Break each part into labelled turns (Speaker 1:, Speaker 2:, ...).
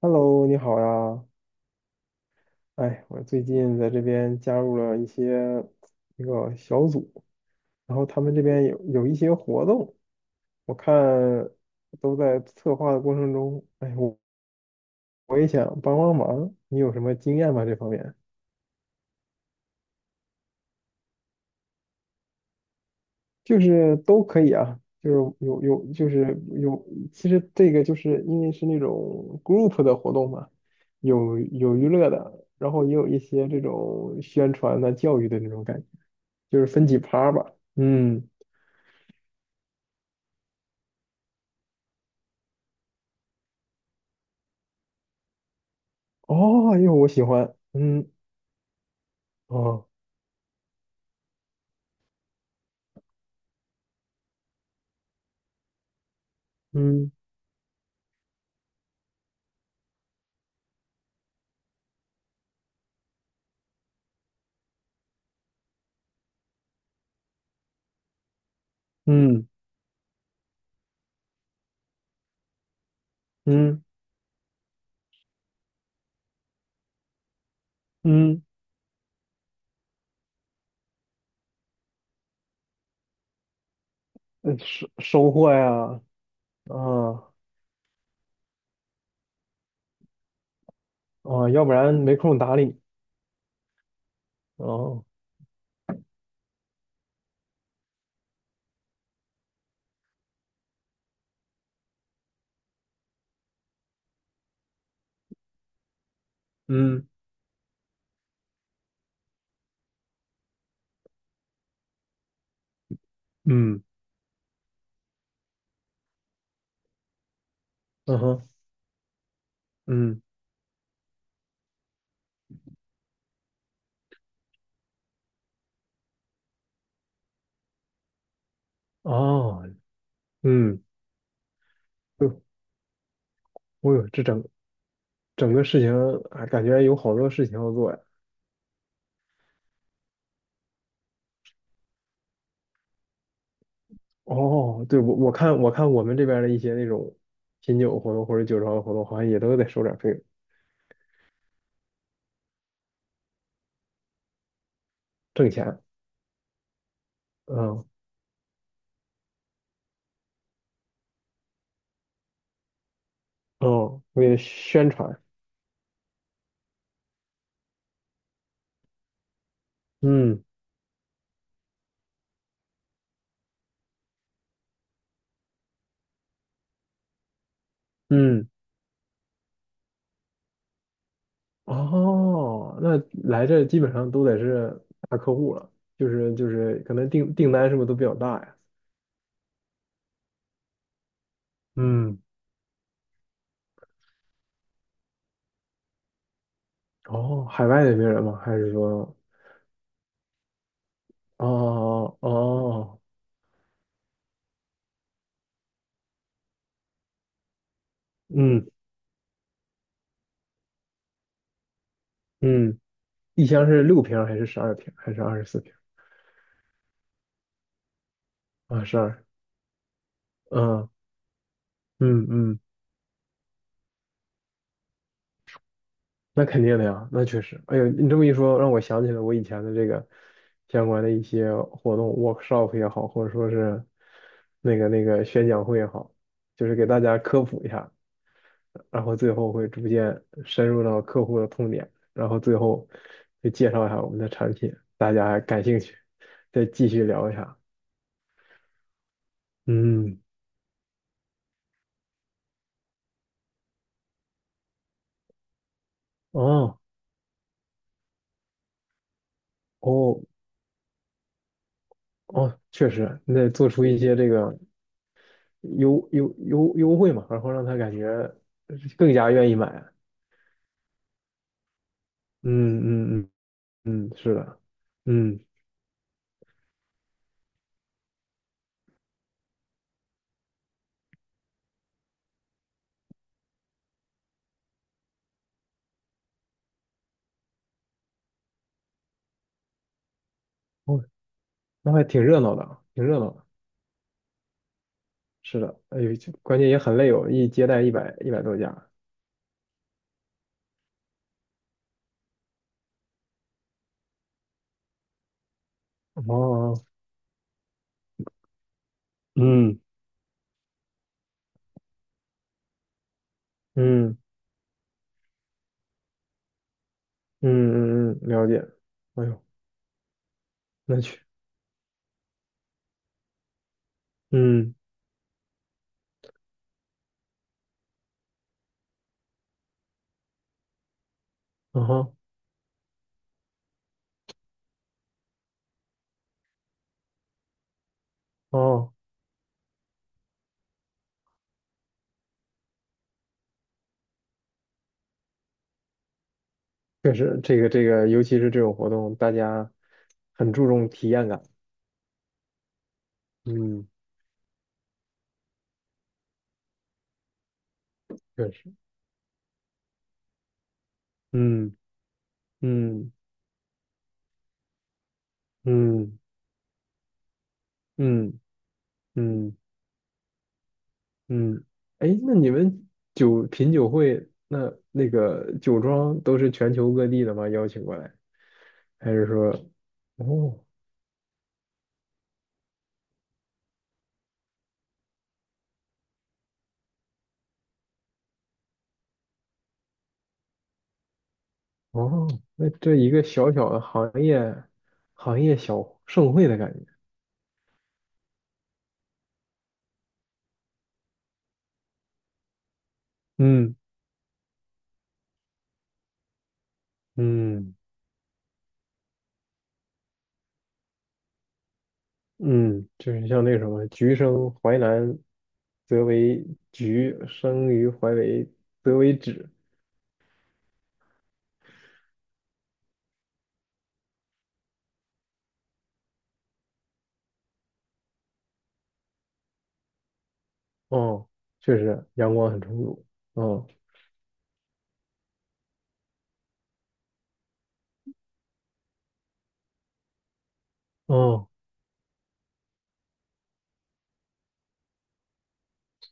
Speaker 1: Hello，你好呀！哎，我最近在这边加入了一个小组，然后他们这边有一些活动，我看都在策划的过程中，哎，我也想帮帮忙，你有什么经验吗？这方面就是都可以啊，就是有有就是有，其实这个就是因为是那种 group 的活动嘛，有娱乐的，然后也有一些这种宣传的、教育的那种感觉，就是分几趴吧，嗯。哦，因为我喜欢，嗯，哦，嗯嗯嗯嗯，收获呀，啊啊，要不然没空搭理。哦，嗯嗯嗯哼，嗯哦，嗯，对，我有这整个事情，啊，感觉有好多事情要做呀。哦，对，我看我们这边的一些那种品酒活动或者酒庄的活动，好像也都得收点费用挣钱。嗯哦，为了宣传。嗯嗯。哦，那来这基本上都得是大客户了，就是可能订单是不是都比较大呀？嗯，哦，海外的名人吗？还是说，哦哦，嗯嗯，一箱是6瓶儿还是12瓶儿还是24瓶儿啊？十二，嗯嗯嗯，那肯定的呀，那确实。哎呦，你这么一说，让我想起了我以前的这个相关的一些活动，workshop 也好，或者说是那个宣讲会也好，就是给大家科普一下，然后最后会逐渐深入到客户的痛点，然后最后会介绍一下我们的产品，大家还感兴趣，再继续聊一下。嗯，哦，哦，哦，确实，你得做出一些这个优惠嘛，然后让他感觉更加愿意买。嗯嗯嗯嗯，是的，嗯，哦，那还挺热闹的啊挺热闹的。是的，哎呦，关键也很累哦，一接待一百多家。哦，嗯嗯。嗯嗯嗯，了解。哎呦，那去，嗯，啊哈，哦，确实，这个，尤其是这种活动，大家很注重体验感。嗯，确实，嗯嗯嗯嗯嗯嗯。哎，那你们品酒会，那个酒庄都是全球各地的吗？邀请过来，还是说，哦哦，那这一个小小的行业小盛会的感觉。嗯嗯。嗯，就是像那个什么“橘生淮南，则为橘；生于淮北，则为枳。”哦，确实阳光很充足。哦哦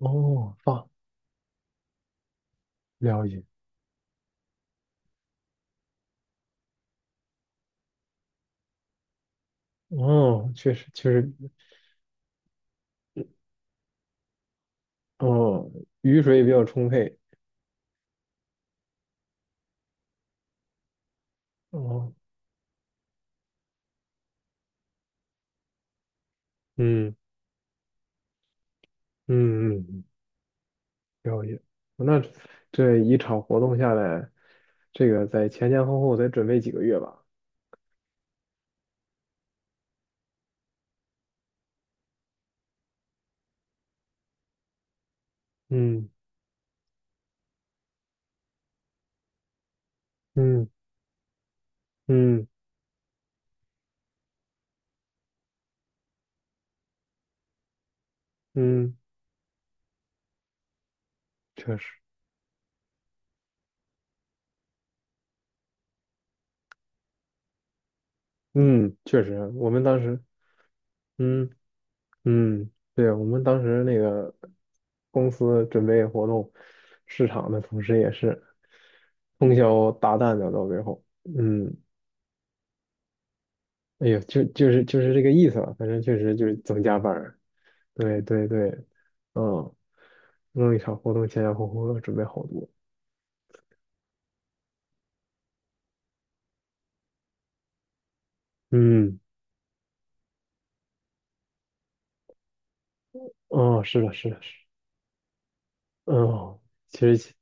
Speaker 1: 哦，了解。哦，确实确实，哦，雨水也比较充沛。哦，嗯嗯嗯，嗯了解。那这一场活动下来，这个在前前后后得准备几个月吧？嗯嗯嗯嗯，确实。嗯，确实，我们当时，嗯嗯，对，我们当时那个公司准备活动，市场的同时也是通宵达旦的到最后，嗯，哎呀，就是这个意思吧，反正确实就是总加班儿对对对，嗯，弄一场活动前前后后要准备好多，嗯，哦，是的，是的，是的，哦，其实，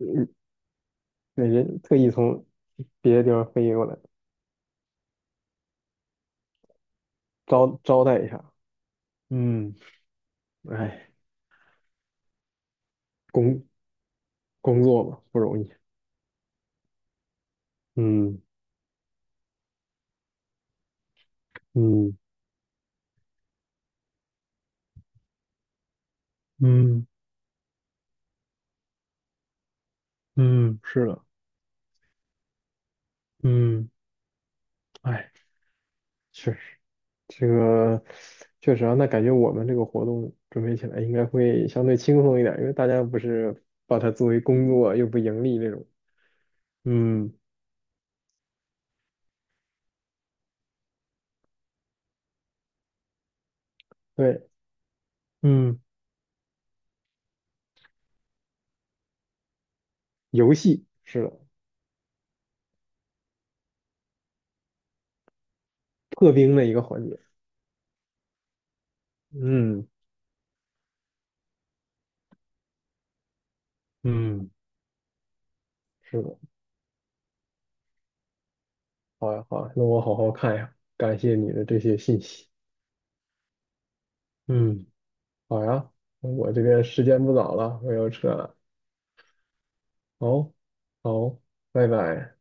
Speaker 1: 嗯，那人特意从别的地方飞过来招待一下，嗯。哎，工工作嘛，不容易。嗯嗯嗯嗯，是的，嗯，哎，确实，这个确实啊，那感觉我们这个活动准备起来应该会相对轻松一点，因为大家不是把它作为工作又不盈利那种。嗯，对，嗯，游戏是的，破冰的一个环节。嗯嗯，是的，好呀好呀，那我好好看呀，感谢你的这些信息。嗯。好呀，那我这边时间不早了，我要撤了。好，好，拜拜。